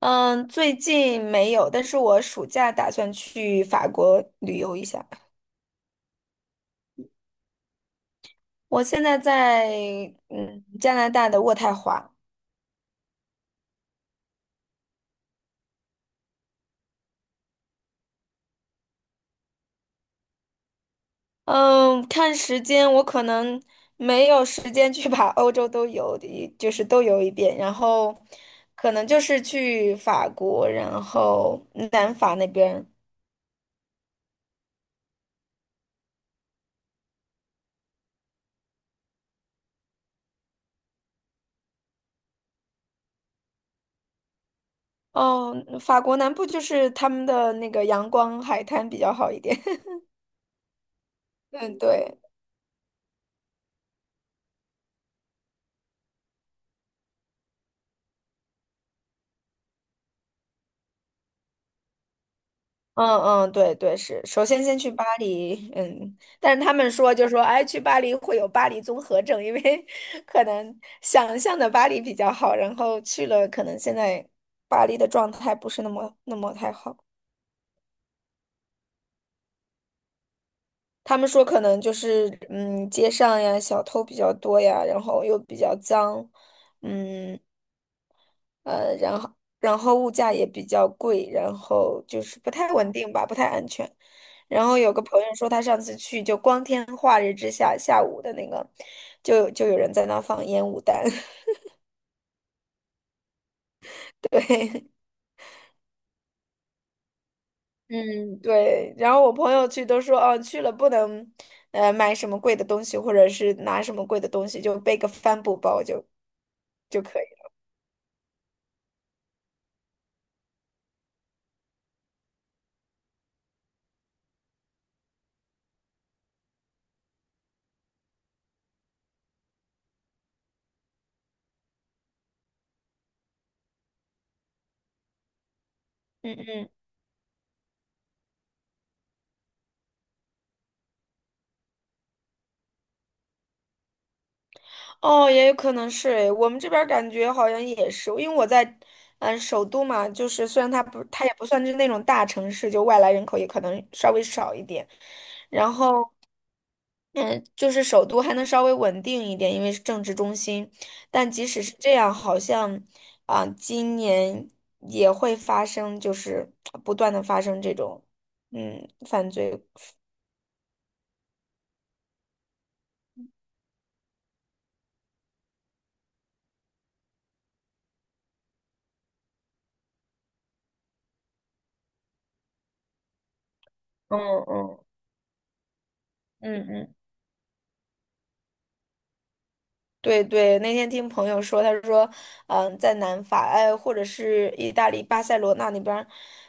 嗯，最近没有，但是我暑假打算去法国旅游一下。我现在在加拿大的渥太华。嗯，看时间我可能没有时间去把欧洲都游的，就是都游一遍，然后可能就是去法国，然后南法那边。哦，法国南部就是他们的那个阳光海滩比较好一点。嗯，对。嗯嗯，对对是，首先先去巴黎，但是他们说就说，哎，去巴黎会有巴黎综合症，因为 可能想象的巴黎比较好，然后去了，可能现在巴黎的状态不是那么太好。他们说可能就是街上呀小偷比较多呀，然后又比较脏，嗯。呃，然后然后物价也比较贵，然后就是不太稳定吧，不太安全。然后有个朋友说，他上次去就光天化日之下，下午的那个，就有人在那放烟雾弹，对。嗯，对。然后我朋友去都说，哦，去了不能，买什么贵的东西，或者是拿什么贵的东西，就背个帆布包就可以了。嗯嗯。哦，也有可能是诶，我们这边儿感觉好像也是，因为我在，首都嘛，就是虽然它也不算是那种大城市，就外来人口也可能稍微少一点，然后，嗯，就是首都还能稍微稳定一点，因为是政治中心，但即使是这样，好像，今年也会发生，就是不断的发生这种，犯罪，嗯嗯嗯嗯。对对，那天听朋友说，他说，在南法，哎，或者是意大利巴塞罗那那边儿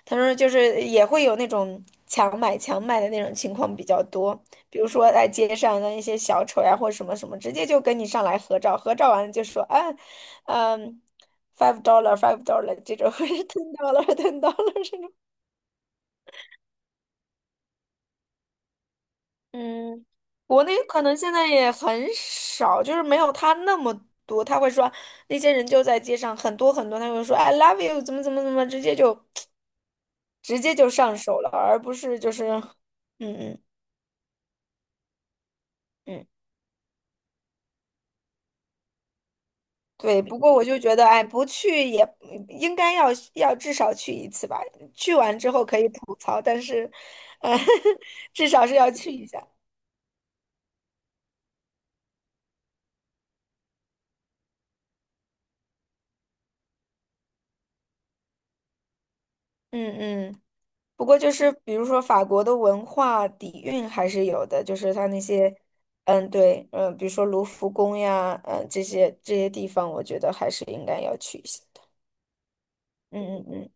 他说就是也会有那种强买强卖的那种情况比较多，比如说在街上的一些小丑呀，或者什么什么，直接就跟你上来合照，合照完了就说，啊，嗯，$5 $5 这种 或者 $10 $10 这种。嗯，国内可能现在也很少，就是没有他那么多。他会说那些人就在街上很多很多，他会说 "I love you" 怎么怎么怎么，直接就上手了，而不是就是，嗯嗯嗯，对。不过我就觉得，哎，不去也应该要至少去一次吧。去完之后可以吐槽，但是，呃，至少是要去一下。嗯嗯。不过就是比如说法国的文化底蕴还是有的，就是它那些，对，比如说卢浮宫呀，这些地方，我觉得还是应该要去一下的。嗯嗯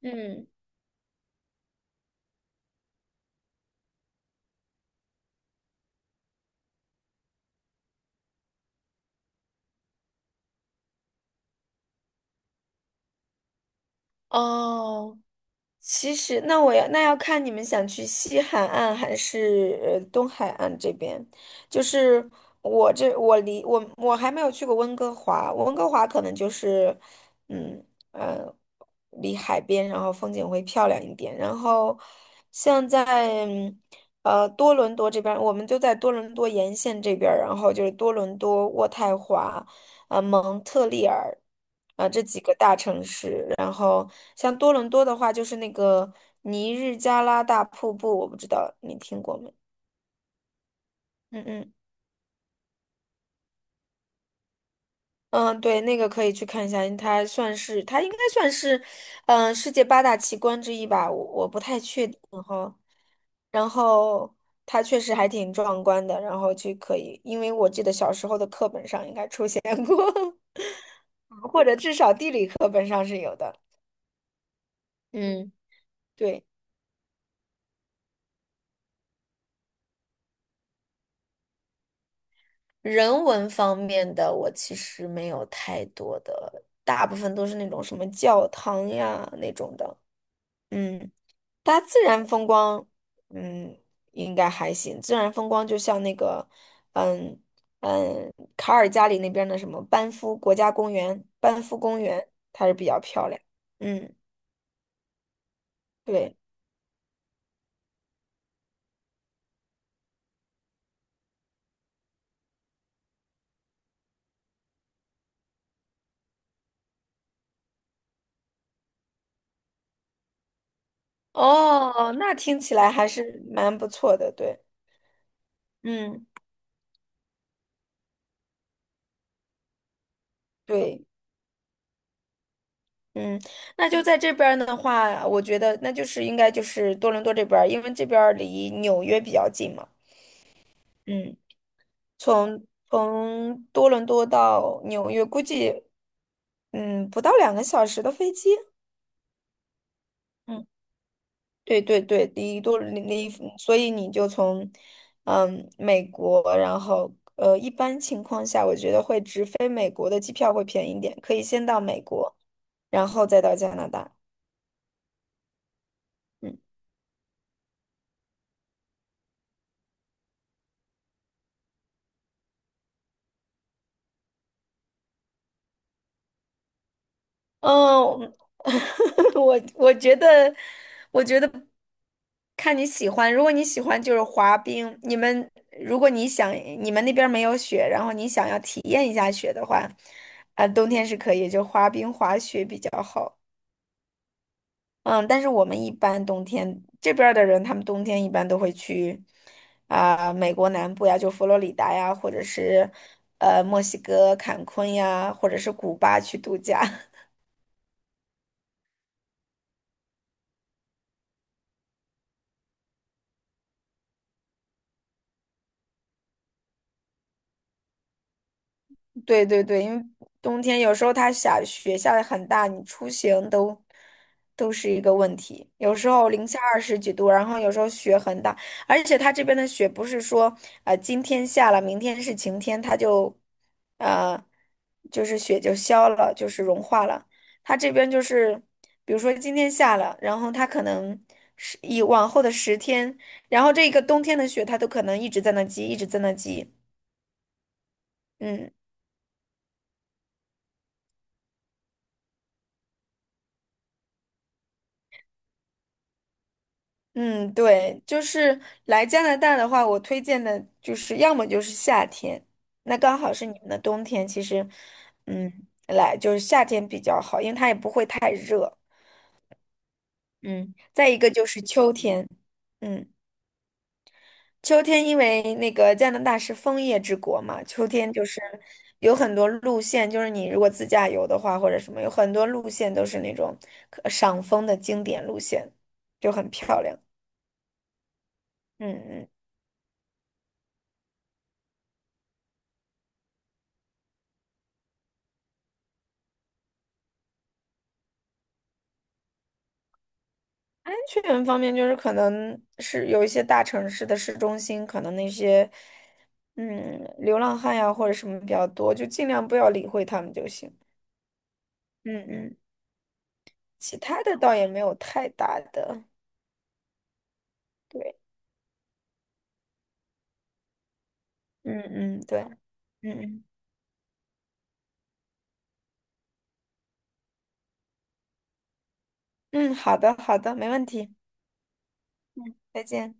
嗯，嗯，哦，其实，那要看你们想去西海岸还是东海岸这边。就是我这我离我我还没有去过温哥华，温哥华可能就是嗯呃离海边，然后风景会漂亮一点。然后像在多伦多这边儿我们就在多伦多沿线这边儿然后就是多伦多、渥太华。蒙特利尔这几个大城市。然后像多伦多的话，就是那个尼日加拉大瀑布，我不知道你听过没？嗯嗯。嗯，对，那个可以去看一下，因为它算是它应该算是，世界八大奇观之一吧，我不太确定哈。然后它确实还挺壮观的，然后就可以，因为我记得小时候的课本上应该出现过，或者至少地理课本上是有的。嗯，对。人文方面的我其实没有太多的，大部分都是那种什么教堂呀那种的。嗯，大自然风光，嗯，应该还行。自然风光就像那个，嗯卡尔加里那边的什么班夫国家公园、班夫公园，它是比较漂亮。嗯，对。哦，那听起来还是蛮不错的，对。嗯，对。嗯，那就在这边儿的话，我觉得那就是应该就是多伦多这边儿，因为这边儿离纽约比较近嘛。嗯，从多伦多到纽约，估计不到2个小时的飞机。嗯，对对对，离多离离，所以你就从美国，然后一般情况下，我觉得会直飞美国的机票会便宜一点，可以先到美国，然后再到加拿大。嗯。嗯，我我觉得，我觉得看你喜欢。如果你喜欢就是滑冰，如果你想你们那边儿没有雪，然后你想要体验一下雪的话，冬天是可以，就滑冰滑雪比较好。嗯，但是我们一般冬天这边儿的人，他们冬天一般都会去美国南部呀，就佛罗里达呀，或者是墨西哥坎昆呀，或者是古巴去度假。对对对，因为冬天有时候它下雪下的很大，你出行都是一个问题。有时候零下二十几度，然后有时候雪很大，而且它这边的雪不是说啊今天下了，明天是晴天，它就呃就是雪就消了，就是融化了。它这边就是比如说今天下了，然后它可能是以往后的10天，然后这个冬天的雪它都可能一直在那积，一直在那积，嗯。嗯，对，就是来加拿大的话，我推荐的就是要么就是夏天，那刚好是你们的冬天，其实，来就是夏天比较好，因为它也不会太热。嗯，再一个就是秋天，嗯，秋天因为那个加拿大是枫叶之国嘛，秋天就是有很多路线，就是你如果自驾游的话或者什么，有很多路线都是那种可赏枫的经典路线，就很漂亮。嗯嗯。安全方面，就是可能是有一些大城市的市中心，可能那些流浪汉呀或者什么比较多，就尽量不要理会他们就行。嗯嗯，其他的倒也没有太大的。对，嗯嗯对，嗯嗯嗯，好的好的，没问题，再见。